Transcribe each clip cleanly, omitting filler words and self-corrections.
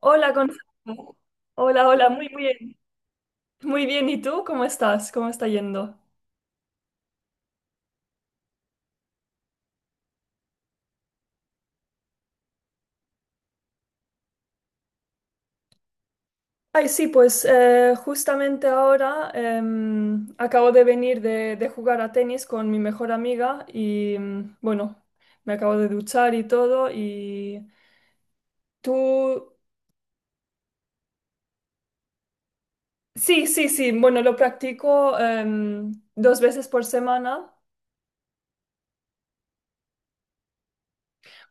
Hola, Gonzalo. Hola, hola, muy bien. Muy bien, ¿y tú cómo estás? ¿Cómo está yendo? Ay, sí, pues justamente ahora acabo de venir de jugar a tenis con mi mejor amiga y bueno, me acabo de duchar y todo y tú. Sí, sí, sí, bueno, lo practico dos veces por semana.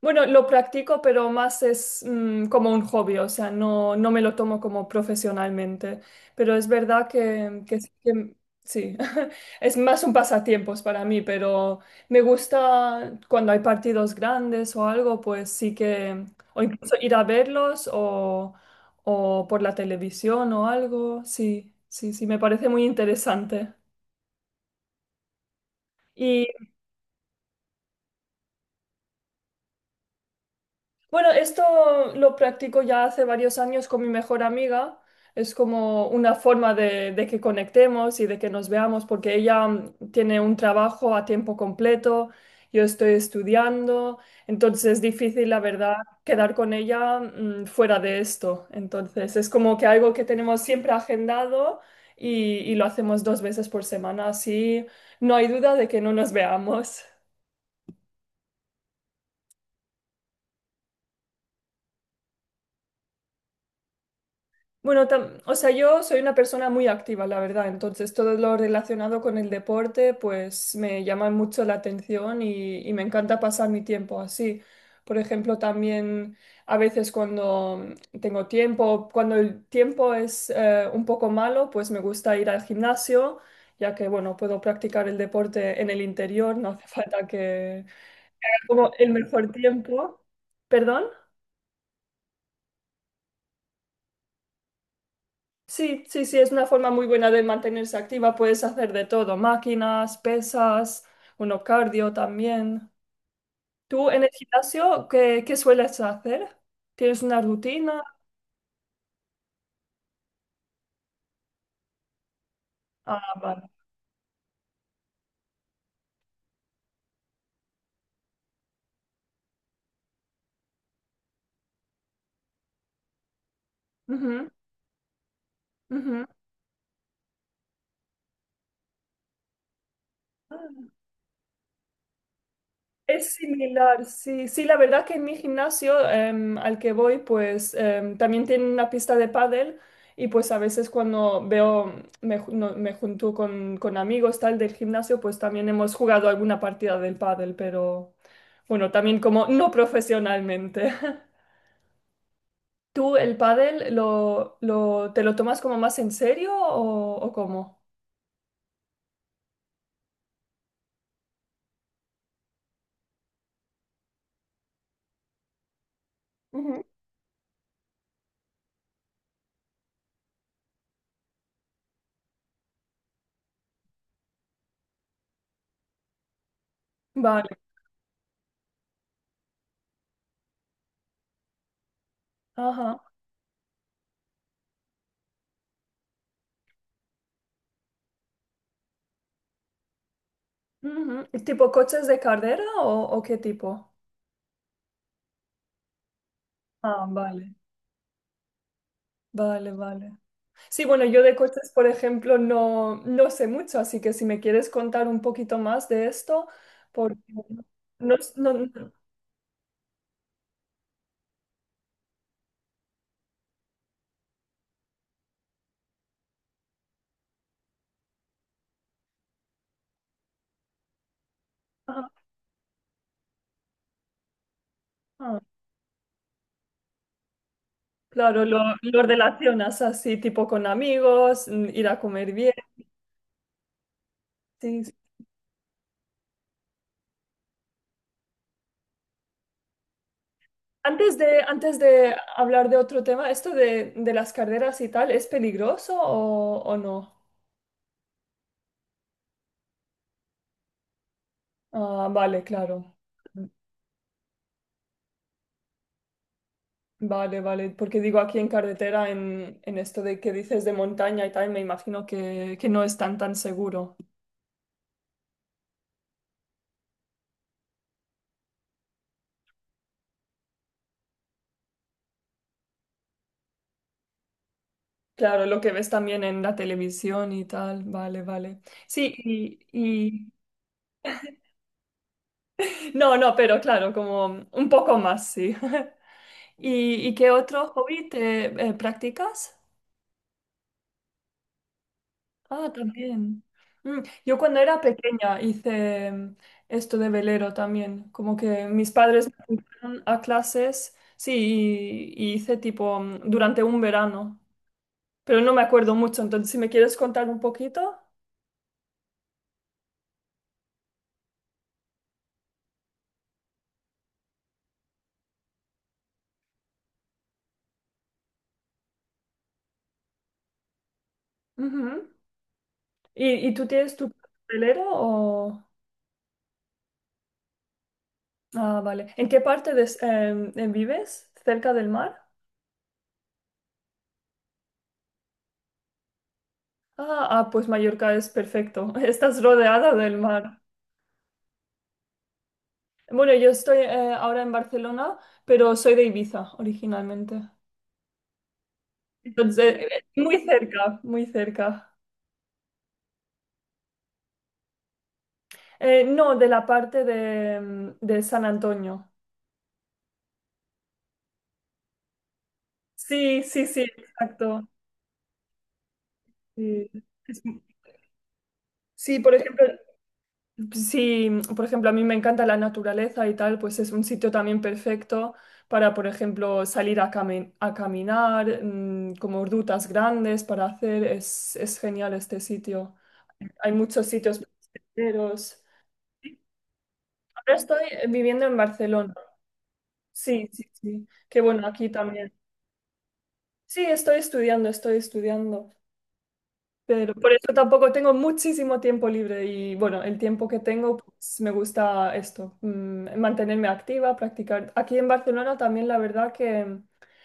Bueno, lo practico, pero más es como un hobby, o sea, no me lo tomo como profesionalmente. Pero es verdad que sí, sí. Es más un pasatiempos para mí, pero me gusta cuando hay partidos grandes o algo, pues sí que, o incluso ir a verlos o por la televisión o algo, sí, sí, sí, me parece muy interesante. Bueno, esto lo practico ya hace varios años con mi mejor amiga. Es como una forma de que conectemos y de que nos veamos, porque ella tiene un trabajo a tiempo completo, yo estoy estudiando, entonces es difícil, la verdad, quedar con ella fuera de esto. Entonces es como que algo que tenemos siempre agendado y lo hacemos dos veces por semana, así no hay duda de que no nos veamos. Bueno, o sea, yo soy una persona muy activa, la verdad, entonces todo lo relacionado con el deporte pues me llama mucho la atención y me encanta pasar mi tiempo así. Por ejemplo, también a veces cuando tengo tiempo, cuando el tiempo es un poco malo, pues me gusta ir al gimnasio, ya que, bueno, puedo practicar el deporte en el interior, no hace falta que. Como el mejor tiempo. ¿Perdón? Sí, sí, sí, es una forma muy buena de mantenerse activa. Puedes hacer de todo, máquinas, pesas, uno cardio también. ¿Tú en el gimnasio qué sueles hacer? ¿Tienes una rutina? Ah, vale. Ujú, ujú. Es similar, sí. Sí, la verdad que en mi gimnasio al que voy, pues también tiene una pista de pádel y pues a veces cuando veo, me, ju- no- me junto con amigos tal del gimnasio, pues también hemos jugado alguna partida del pádel, pero bueno, también como no profesionalmente. ¿Tú el pádel lo te lo tomas como más en serio o, cómo? Ujú. Vale, ajá. Ujú. ¿Tipo coches de carrera o qué tipo? Ah, vale. Vale, vale. Sí, bueno, yo de coches, por ejemplo, no sé mucho, así que si me quieres contar un poquito más de esto, porque no. Ajá, ajá. Claro, lo relacionas así, tipo con amigos, ir a comer bien. Sí, sí. Antes de hablar de otro tema, ¿esto de las carreras y tal es peligroso o no? Ah, vale, claro. Vale, vale, porque digo aquí en carretera, en esto de que dices de montaña y tal, me imagino que no es tan tan seguro. Claro, lo que ves también en la televisión y tal, vale, vale. Sí, no, no, pero claro, como un poco más, sí. ¿Y qué otro hobby te practicas? Ah, también. Mm, Yo cuando era pequeña hice esto de velero también, como que mis padres me fueron a clases, sí, y hice tipo durante un verano, pero no me acuerdo mucho, entonces si me quieres contar un poquito. Ujú. ¿Y tú tienes tu velero o? Ah, vale. ¿En qué parte de vives? ¿Cerca del mar? Ah, ah, pues Mallorca es perfecto, estás rodeada del mar. Bueno, yo estoy ahora en Barcelona, pero soy de Ibiza originalmente. Entonces, muy cerca, muy cerca. No, de la parte de San Antonio. Sí, sí, sí, exacto. Sí, Es- sí, por ejemplo. Si, por ejemplo, a mí me encanta la naturaleza y tal, pues es un sitio también perfecto para, por ejemplo, salir a caminar, como rutas grandes para hacer. Es genial este sitio. Hay muchos sitios senderos. Ahora estoy viviendo en Barcelona. Sí, sí, sí. Qué bueno, aquí también. Sí, estoy estudiando, estoy estudiando. Pero por eso tampoco tengo muchísimo tiempo libre y bueno, el tiempo que tengo, pues me gusta esto, mantenerme activa, practicar. Aquí en Barcelona también la verdad que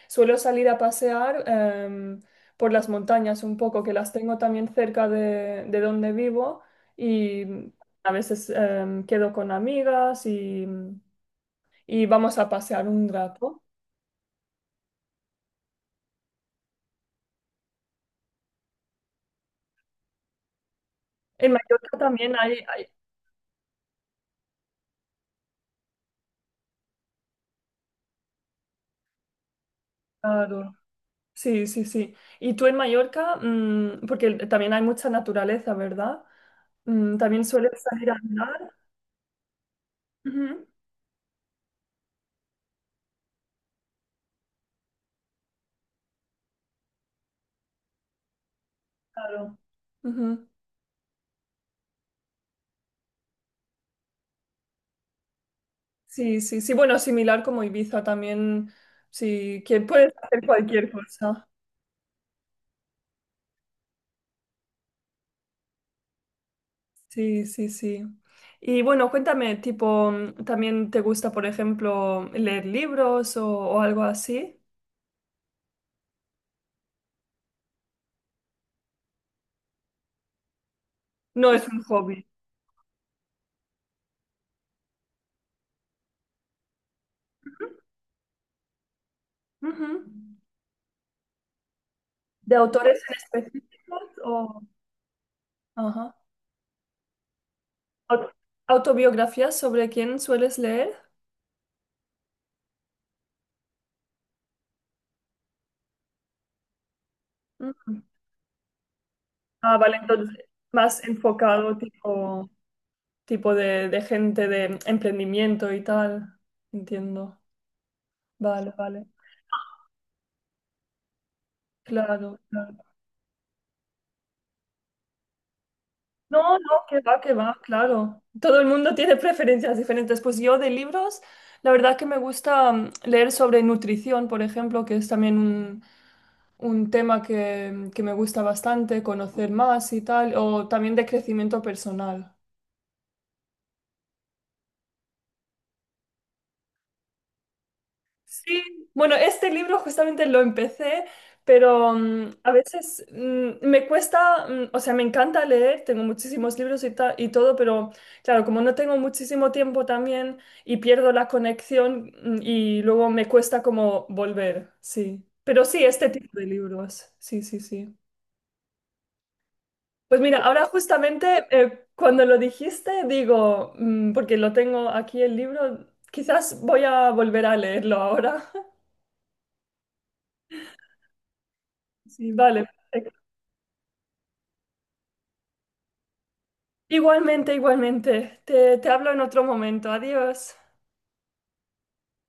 suelo salir a pasear em, por las montañas un poco, que las tengo también cerca de donde vivo y a veces quedo con amigas y vamos a pasear un rato. En Mallorca también hay, claro. Sí, sí, sí. Y tú en Mallorca, porque también hay mucha naturaleza, ¿verdad? También sueles salir a andar. Ujú, claro. Ujú. Sí, sí, sí. Bueno, similar como Ibiza también, sí, que puedes hacer cualquier cosa. Sí, sí, sí. Y bueno, cuéntame, tipo, ¿también te gusta, por ejemplo, leer libros o, algo así? No es un hobby. Ujú. ¿De autores en específicos o? Ajá. Au- ¿Autobiografías sobre quién sueles leer? Mm. Ah, vale, entonces más enfocado tipo de gente de emprendimiento y tal. Entiendo. Vale, vale. Claro, claro. No, no, que va, claro. Todo el mundo tiene preferencias diferentes. Pues yo de libros, la verdad que me gusta leer sobre nutrición, por ejemplo, que es también un tema que me gusta bastante, conocer más y tal, o también de crecimiento personal. Sí, bueno, este libro justamente lo empecé, pero a veces me cuesta, o sea, me encanta leer, tengo muchísimos libros y todo, pero claro, como no tengo muchísimo tiempo también y pierdo la conexión y luego me cuesta como volver, sí. Pero sí, este tipo de libros, sí, sí, sí. Pues mira, ahora justamente cuando lo dijiste, digo, porque lo tengo aquí el libro, quizás voy a volver a leerlo ahora. Sí, vale. Igualmente, igualmente. Te hablo en otro momento. Adiós.